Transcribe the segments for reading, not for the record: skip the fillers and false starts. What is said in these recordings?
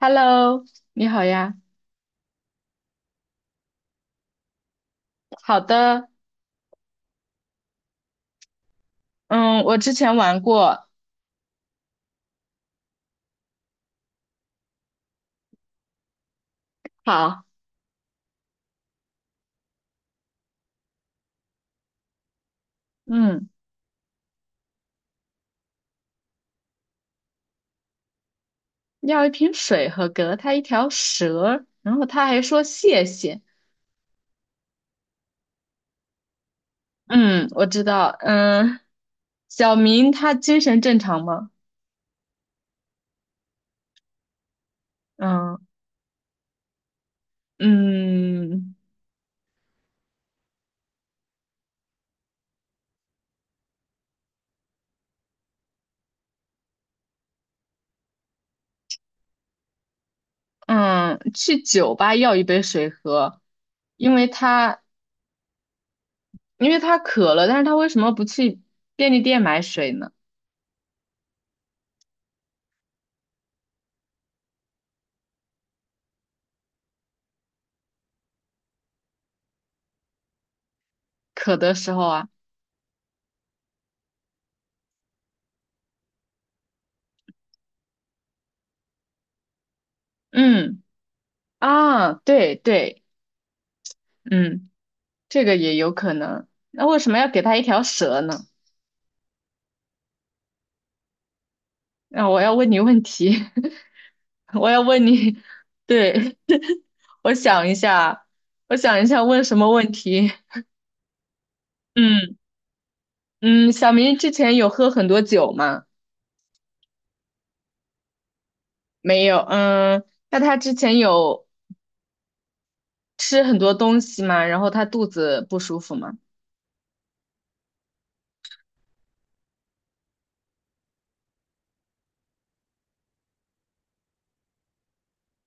Hello，你好呀。好的，嗯，我之前玩过。好，嗯，要一瓶水和给了他一条蛇，然后他还说谢谢。嗯，我知道。嗯，小明他精神正常吗？嗯嗯嗯，去酒吧要一杯水喝，因为他因为他渴了，但是他为什么不去便利店买水呢？渴的时候啊，嗯啊，对对，嗯。这个也有可能。那为什么要给他一条蛇呢？那我要问你问题，我要问你，对，我想一下，我想一下问什么问题？嗯嗯，小明之前有喝很多酒吗？没有。嗯，那他之前有吃很多东西吗？然后他肚子不舒服吗？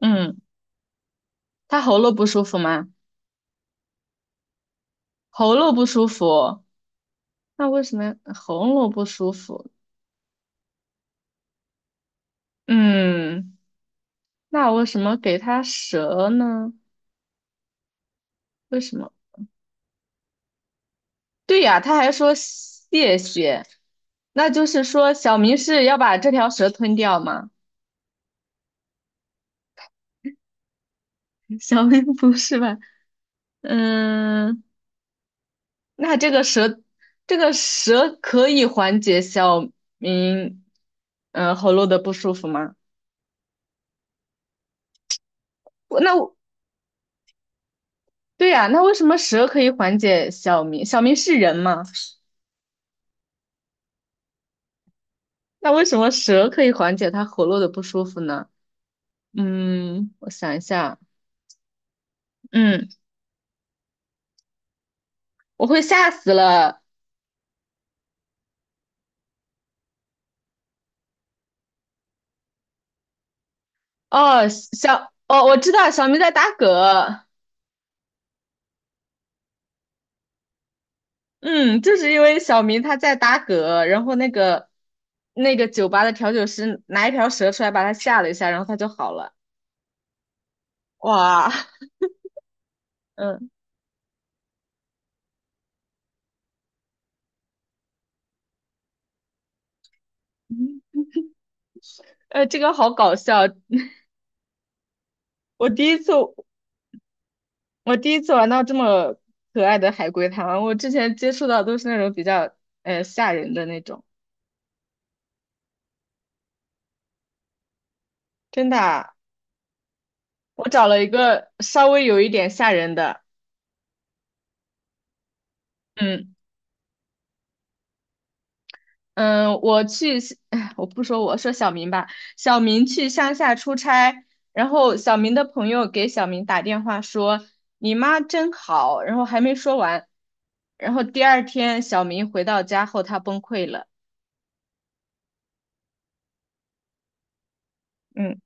嗯，他喉咙不舒服吗？喉咙不舒服，那为什么喉咙不舒服？嗯，那为什么给他蛇呢？为什么？对呀，他还说谢谢，那就是说小明是要把这条蛇吞掉吗？小明不是吧？嗯，那这个蛇，这个蛇可以缓解小明，嗯、喉咙的不舒服吗？那我对呀，那为什么蛇可以缓解小明？小明是人吗？那为什么蛇可以缓解他喉咙的不舒服呢？嗯，我想一下，嗯，我会吓死了。哦，小，哦，我知道小明在打嗝，嗯，就是因为小明他在打嗝，然后那个酒吧的调酒师拿一条蛇出来把他吓了一下，然后他就好了。哇，嗯，这个好搞笑，我第一次我第一次玩到这么可爱的海龟汤，我之前接触到都是那种比较吓人的那种，真的啊我找了一个稍微有一点吓人的，嗯。嗯，我去，哎，我不说我，说小明吧。小明去乡下出差，然后小明的朋友给小明打电话说：“你妈真好。”然后还没说完，然后第二天小明回到家后，他崩溃了。嗯，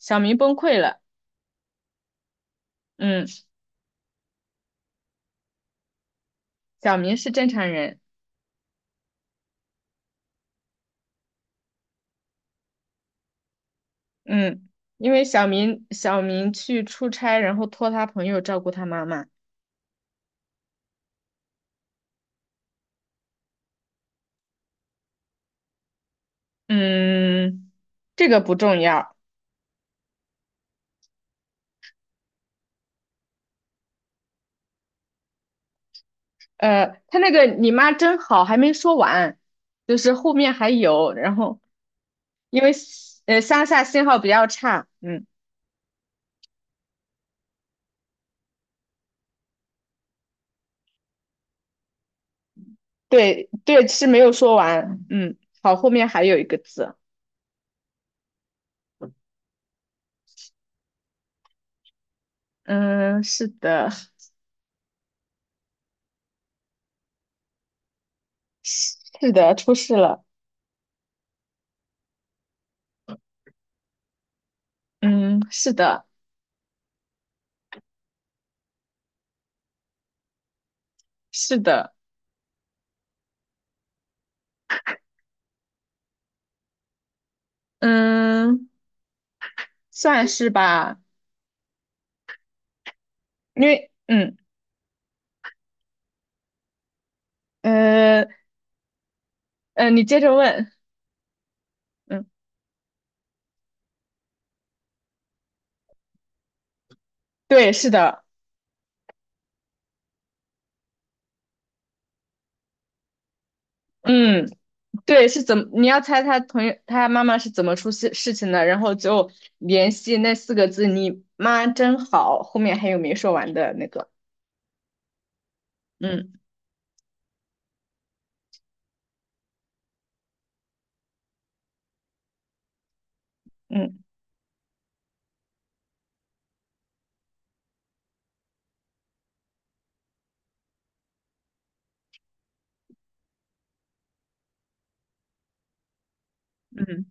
小明崩溃了。嗯，小明是正常人。嗯，因为小明去出差，然后托他朋友照顾他妈妈。嗯，这个不重要。呃，他那个你妈真好还没说完，就是后面还有，然后因为乡下信号比较差，嗯，对对是没有说完，嗯，好，后面还有一个字，嗯，是的，是的，出事了，嗯，是的，是的，嗯，算是吧，因为呃你接着问，嗯，对，是的，嗯。对，是怎么？你要猜他同学他妈妈是怎么出事情的，然后就联系那四个字“你妈真好”，后面还有没说完的那个。嗯嗯嗯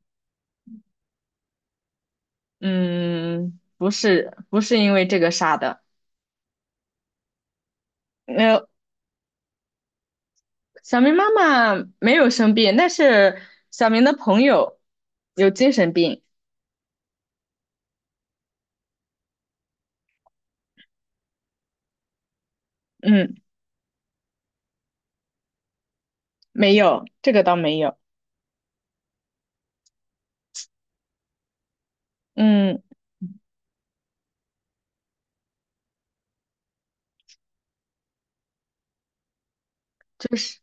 嗯，不是因为这个杀的。呃，小明妈妈没有生病，那是小明的朋友有精神病。嗯，没有，这个倒没有。嗯，就是。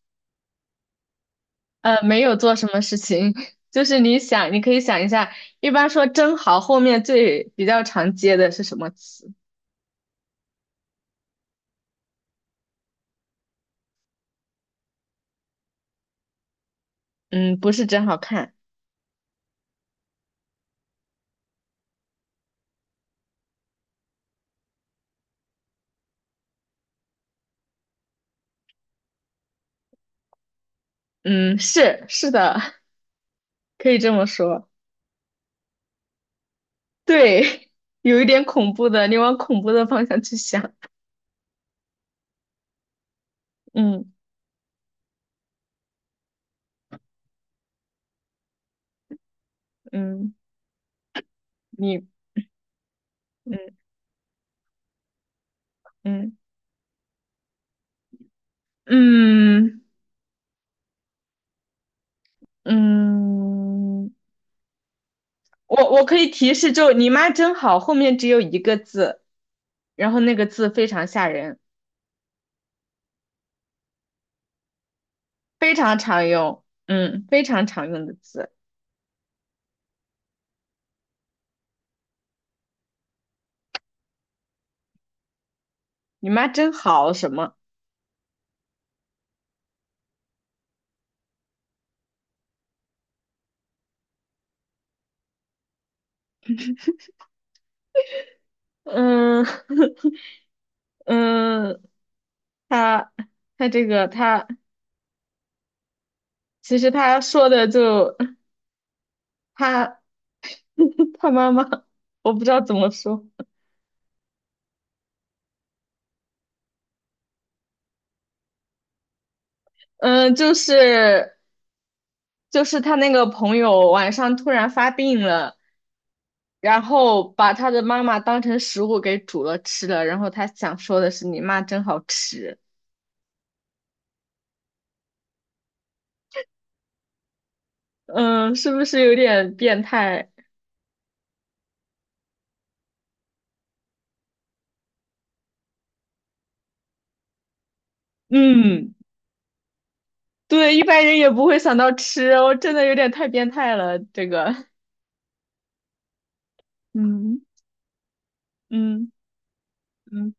没有做什么事情，就是你想，你可以想一下，一般说“真好”后面最比较常接的是什么词？嗯，不是真好看，嗯，是是的，可以这么说。对，有一点恐怖的，你往恐怖的方向去想。嗯嗯，你嗯嗯嗯嗯，我可以提示，就你妈真好，后面只有一个字，然后那个字非常吓人。非常常用，嗯，非常常用的字。你妈真好什么？嗯 嗯，他他这个他其实他说的就他 他妈妈，我不知道怎么说，嗯，就是他那个朋友晚上突然发病了，然后把他的妈妈当成食物给煮了吃了，然后他想说的是你妈真好吃，嗯，是不是有点变态？嗯，对，一般人也不会想到吃，我真的有点太变态了，这个，嗯嗯嗯，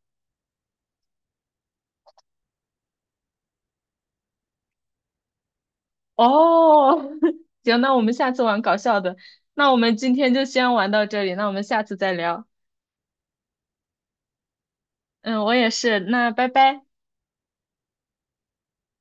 哦，行，那我们下次玩搞笑的，那我们今天就先玩到这里，那我们下次再聊，嗯，我也是，那拜拜。